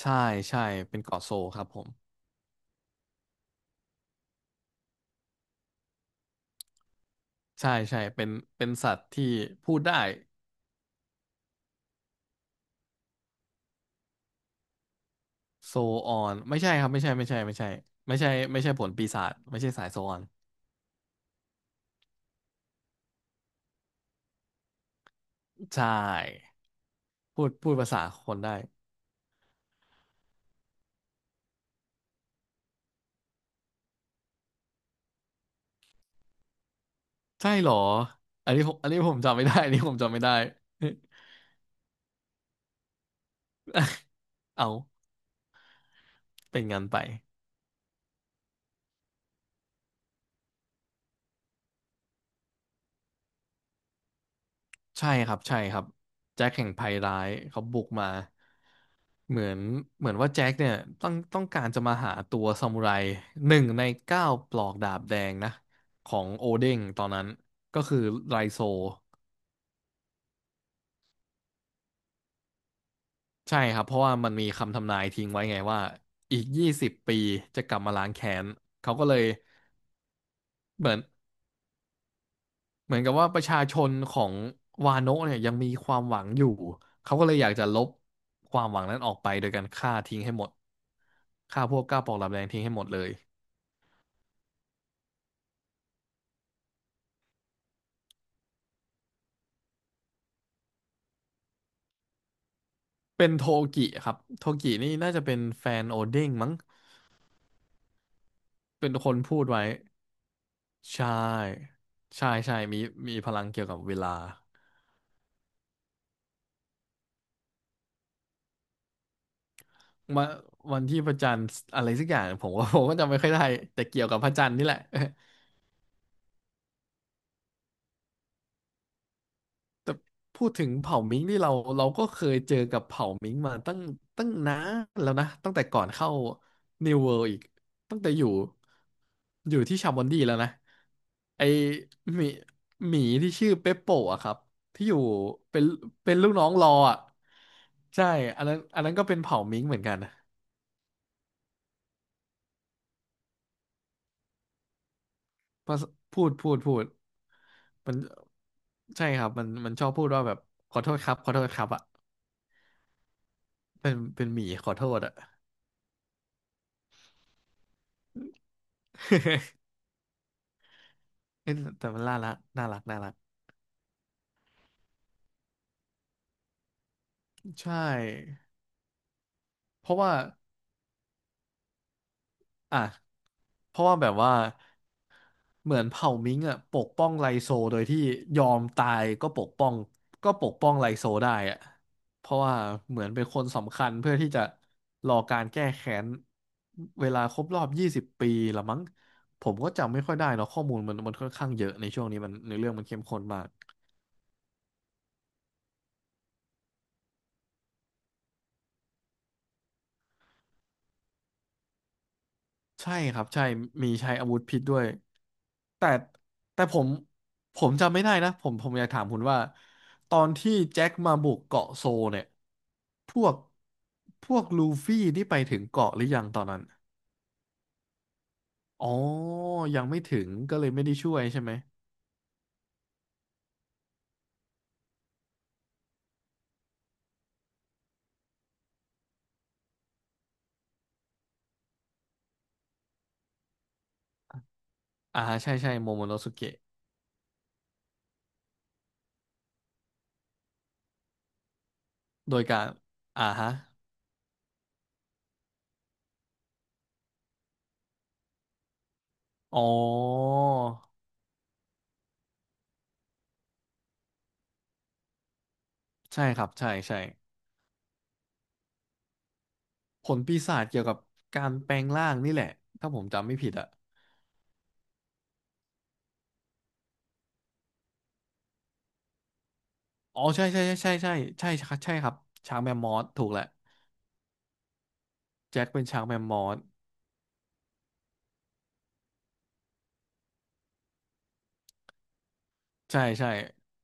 ใช่ใช่เป็นเกาะโซลครับผมใช่ใช่เป็นสัตว์ที่พูดได้โซออนไม่ใช่ครับไม่ใช่ไม่ใช่ไม่ใช่ไม่ใช่ไม่ใช่ผลปีศาจไม่ใช่สายโซออนใช่พูดพูดภาษาคนได้ใช่เหรออันนี้ผมจำไม่ได้อันนี้ผมจำไม่ได้ เอาเป็นงั้นไปใช่ครับใช่ครับแจ็คแห่งภัยร้ายเขาบุกมา เหมือนเหมือนว่าแจ็คเนี่ยต้องการจะมาหาตัวซามูไรหนึ่งในเก้าปลอกดาบแดงนะของโอเด้งตอนนั้นก็คือไรโซใช่ครับเพราะว่ามันมีคำทำนายทิ้งไว้ไงว่าอีกยี่สิบปีจะกลับมาล้างแค้นเขาก็เลยเหมือนเหมือนกับว่าประชาชนของวาโนะเนี่ยยังมีความหวังอยู่เขาก็เลยอยากจะลบความหวังนั้นออกไปโดยการฆ่าทิ้งให้หมดฆ่าพวกเก้าปลอกดาบแดงทิ้งให้หมดเลย เป็นโทกิครับ โทกินี่น่าจะเป็นแฟนโอเด้งมั้ง เป็นคนพูดไว้ ใช่ ใช่ ใช่ มีมีพลังเกี่ยวกับเวลามาวันที่พระจันทร์อะไรสักอย่างผมว่า ผมก็จำไม่ค่อยได้แต่เกี่ยวกับพระจันทร์นี่แหละ แต่พูดถึงเผ่ามิงนี่เราก็เคยเจอกับเผ่ามิงมาตั้งตั้งนานแล้วนะตั้งแต่ก่อนเข้า New World อีกตั้งแต่อยู่อยู่ที่ชาบอนดีแล้วนะไอหมีหมีที่ชื่อเปปโปะอะครับที่อยู่เป็นเป็นลูกน้องรออะใช่อันนั้นอันนั้นก็เป็นเผ่ามิงเหมือนกันนะเพราะพูดพูดพูดมันใช่ครับมันชอบพูดว่าแบบขอโทษครับขอโทษครับอะเป็นเป็นหมีขอโทษอะ เอ้ยแต่มันน่ารักน่ารักน่ารักใช่เพราะว่าอ่ะเพราะว่าแบบว่าเหมือนเผ่ามิงอ่ะปกป้องไลโซโดยที่ยอมตายก็ปกป้องก็ปกป้องไลโซได้อ่ะเพราะว่าเหมือนเป็นคนสำคัญเพื่อที่จะรอการแก้แค้นเวลาครบรอบยี่สิบปีละมั้งผมก็จำไม่ค่อยได้เนาะข้อมูลมันมันค่อนข้างเยอะในช่วงนี้มันในเรื่องมันเข้มข้นมากใช่ครับใช่มีใช้อาวุธพิษด้วย แต่แต่ผมจำไม่ได้นะผมผมอยากถามคุณว่าตอนที่แจ็คมาบุกเกาะโซเนี่ยพวกพวกลูฟี่นี่ไปถึงเกาะหรือยังตอนนั้นอ๋อยังไม่ถึงก็เลยไม่ได้ช่วยใช่ไหมอ่าใช่ใช่โมโมโนสุเกะโดยการอ่าฮะอ๋อใช่ครับใช่ใช่ผลปีศาจเกี่ยวกับการแปลงร่างนี่แหละถ้าผมจำไม่ผิดอะอ๋อใช่ใช่ใช่ใช่ใช่ใช่ใช่ใช่ครับช้างแมมมอสถูกแหละแจ็คเป็นช้างแมมมอส ใช่ใช่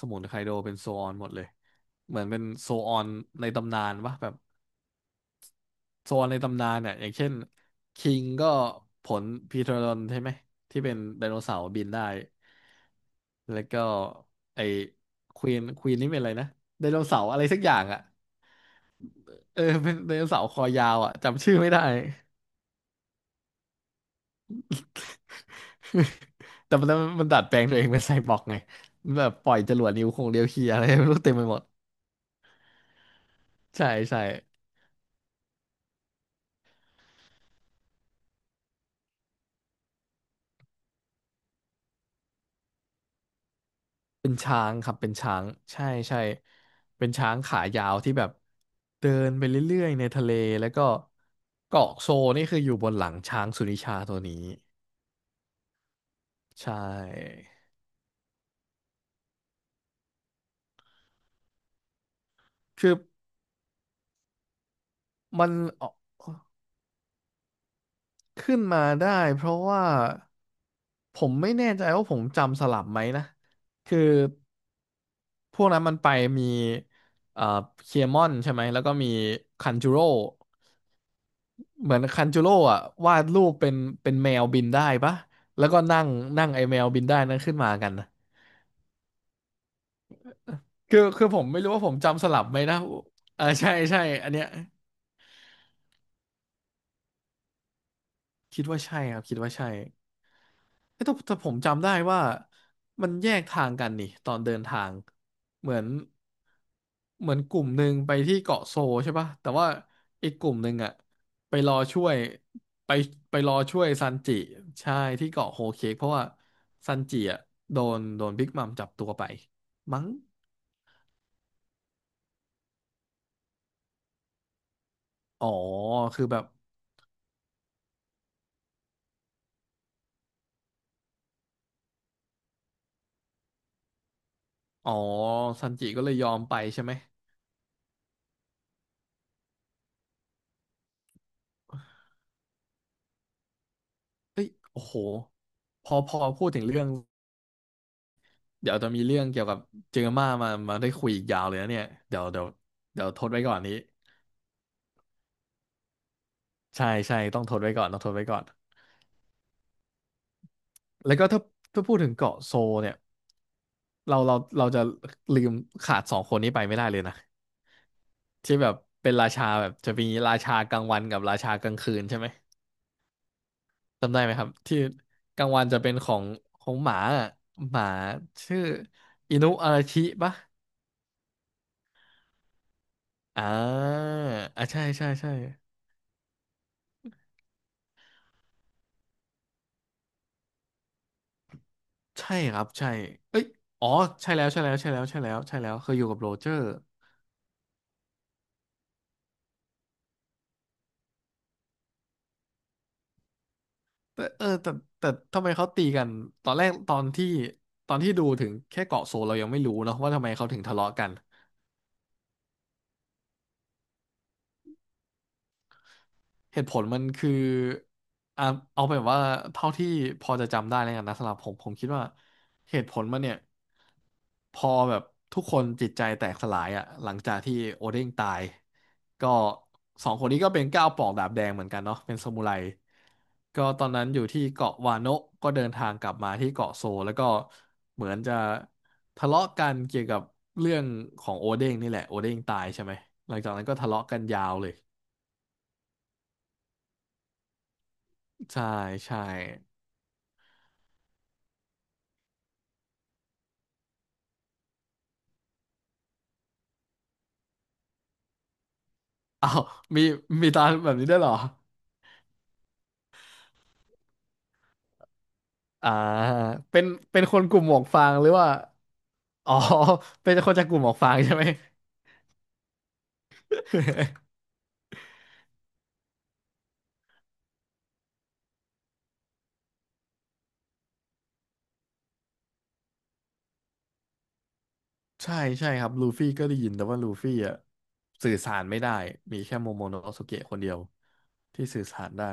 สมุนไคโดเป็นโซออนหมดเลยเหมือนเป็นโซออนในตำนานปะแบบโซออนในตำนานเนี่ยอย่างเช่นคิงก็ผลพีทรอนใช่ไหมที่เป็นไดโนเสาร์บินได้แล้วก็ไอควีนควีนนี่เป็นอะไรนะไดโนเสาร์อะไรสักอย่างอ่ะเออเป็นไดโนเสาร์คอยาวอ่ะจำชื่อไม่ได้ แต่มันมันดัดแปลงตัวเองเป็นไซบอร์กไงแบบปล่อยจรวดนิ้วคงเดียวเคียอะไรไม่รู้เต็มไปหมดใช่ใช่ เป็นช้างครับเป็นช้างใช่ใช่เป็นช้างขายาวที่แบบเดินไปเรื่อยๆในทะเลแล้วก็เกาะโซนี่คืออยู่บนหลังช้างสุนิชาตัวนี้ใช่คือมันออกขึ้นมาได้เพราะว่าผมไม่แน่ใจว่าผมจำสลับไหมนะคือพวกนั้นมันไปมีเอ่อเคมอนใช่ไหมแล้วก็มีคันจูโร่ เหมือนคันจูโร่อะวาดรูปเป็นเป็นแมวบินได้ปะแล้วก็นั่งนั่งไอแมวบินได้นั้นขึ้นมากันนะคือผมไม่รู้ว่าผมจำสลับไหมนะอ่าใช่ใช่อันเนี้ยคิดว่าใช่ครับคิดว่าใช่ เอ้ยแต่แต่ผมจำได้ว่ามันแยกทางกันนี่ตอนเดินทางเหมือนเหมือนกลุ่มหนึ่งไปที่เกาะโซใช่ปะแต่ว่าอีกกลุ่มหนึ่งอะไปรอช่วยไปไปรอช่วยซันจิใช่ที่เกาะโฮเค้กเพราะว่าซันจิอะโดนโดนบิ๊กมัมจับตัวไปมั้งอ๋อคือแบบอ๋อซันจิก็เลยยอมไปใช่ไหมเอ้ยโอ้โหพอพูดถึงเรื่อง เดี๋ยวจะมีเรื่องเกี่ยวกับเจอมามาได้คุยอีกยาวเลยนะเนี่ยเดี๋ยวเดี๋ยวทดไว้ก่อนนี้ใช่ใช่ต้องทดไว้ก่อนต้องทดไว้ก่อนแล้วก็ถ้าถ้าพูดถึงเกาะโซเนี่ยเราจะลืมขาดสองคนนี้ไปไม่ได้เลยนะที่แบบเป็นราชาแบบจะมีราชากลางวันกับราชากลางคืนใช่ไหมจำได้ไหมครับที่กลางวันจะเป็นของของหมาอะหมาชื่ออินุอาราชิปะอ่าอ่าใช่ใช่ใช่ ใช่ครับใช่เอ้ยอ๋อใช่แล้วใช่แล้วใช่แล้วใช่แล้วใช่แล้วเคยอยู่กับโรเจอร์ แต่เออแต่แต่ทำไมเขาตีกัน ตอนแรกตอนที่ตอนที่ดูถึงแค่เกาะโซลเรายังไม่รู้เนอะว่าทำไมเขาถึงทะเลาะกัน เหตุผลมันคืออ่ะเอาเป็นว่าเท่าที่พอจะจำได้แล้วกันนะสำหรับผมผมคิดว่าเหตุผลมันเนี่ยพอแบบทุกคนจิตใจแตกสลายอ่ะหลังจากที่โอเด้งตายก็สองคนนี้ก็เป็นก้าวปอกดาบแดงเหมือนกันเนาะเป็นซามูไรก็ตอนนั้นอยู่ที่เกาะวาโนะก็เดินทางกลับมาที่เกาะโซลแล้วก็เหมือนจะทะเลาะกันเกี่ยวกับเรื่องของโอเด้งนี่แหละโอเด้งตายใช่ไหมหลังจากนั้นก็ทะเลาะกันยาวเลยใช่ใช่ อ้าวมีมีตาแบบนี้ได้วยเหรออ่าเป็นเป็นคนกลุ่มหมวกฟางหรือว่าอ๋อ เป็นคนจากกลุ่มหมวกฟางใช่ไหม ใช่ใช่ครับลูฟี่ก็ได้ยินแต่ว่าลูฟี่อ่ะสื่อสารไม่ได้มีแค่โมโมโนสเกะคนเดียวที่สื่อสารได้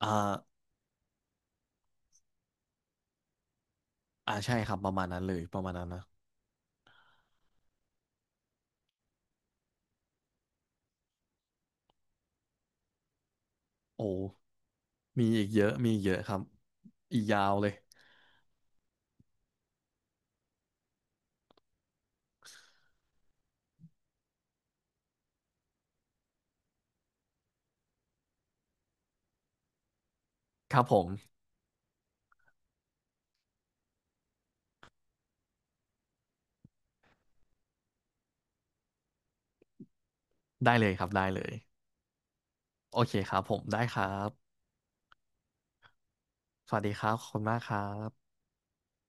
อ่าอ่าใช่ครับประมาณนั้นเลยประมาณนั้นนะโอ้มีอีกเยอะมีอีกเยอะครับอีกยาวเลยครับผมได้เลยครับได้เลยโอเคครับผมได้ครับสวัสดีครับขอบคุณมากครับ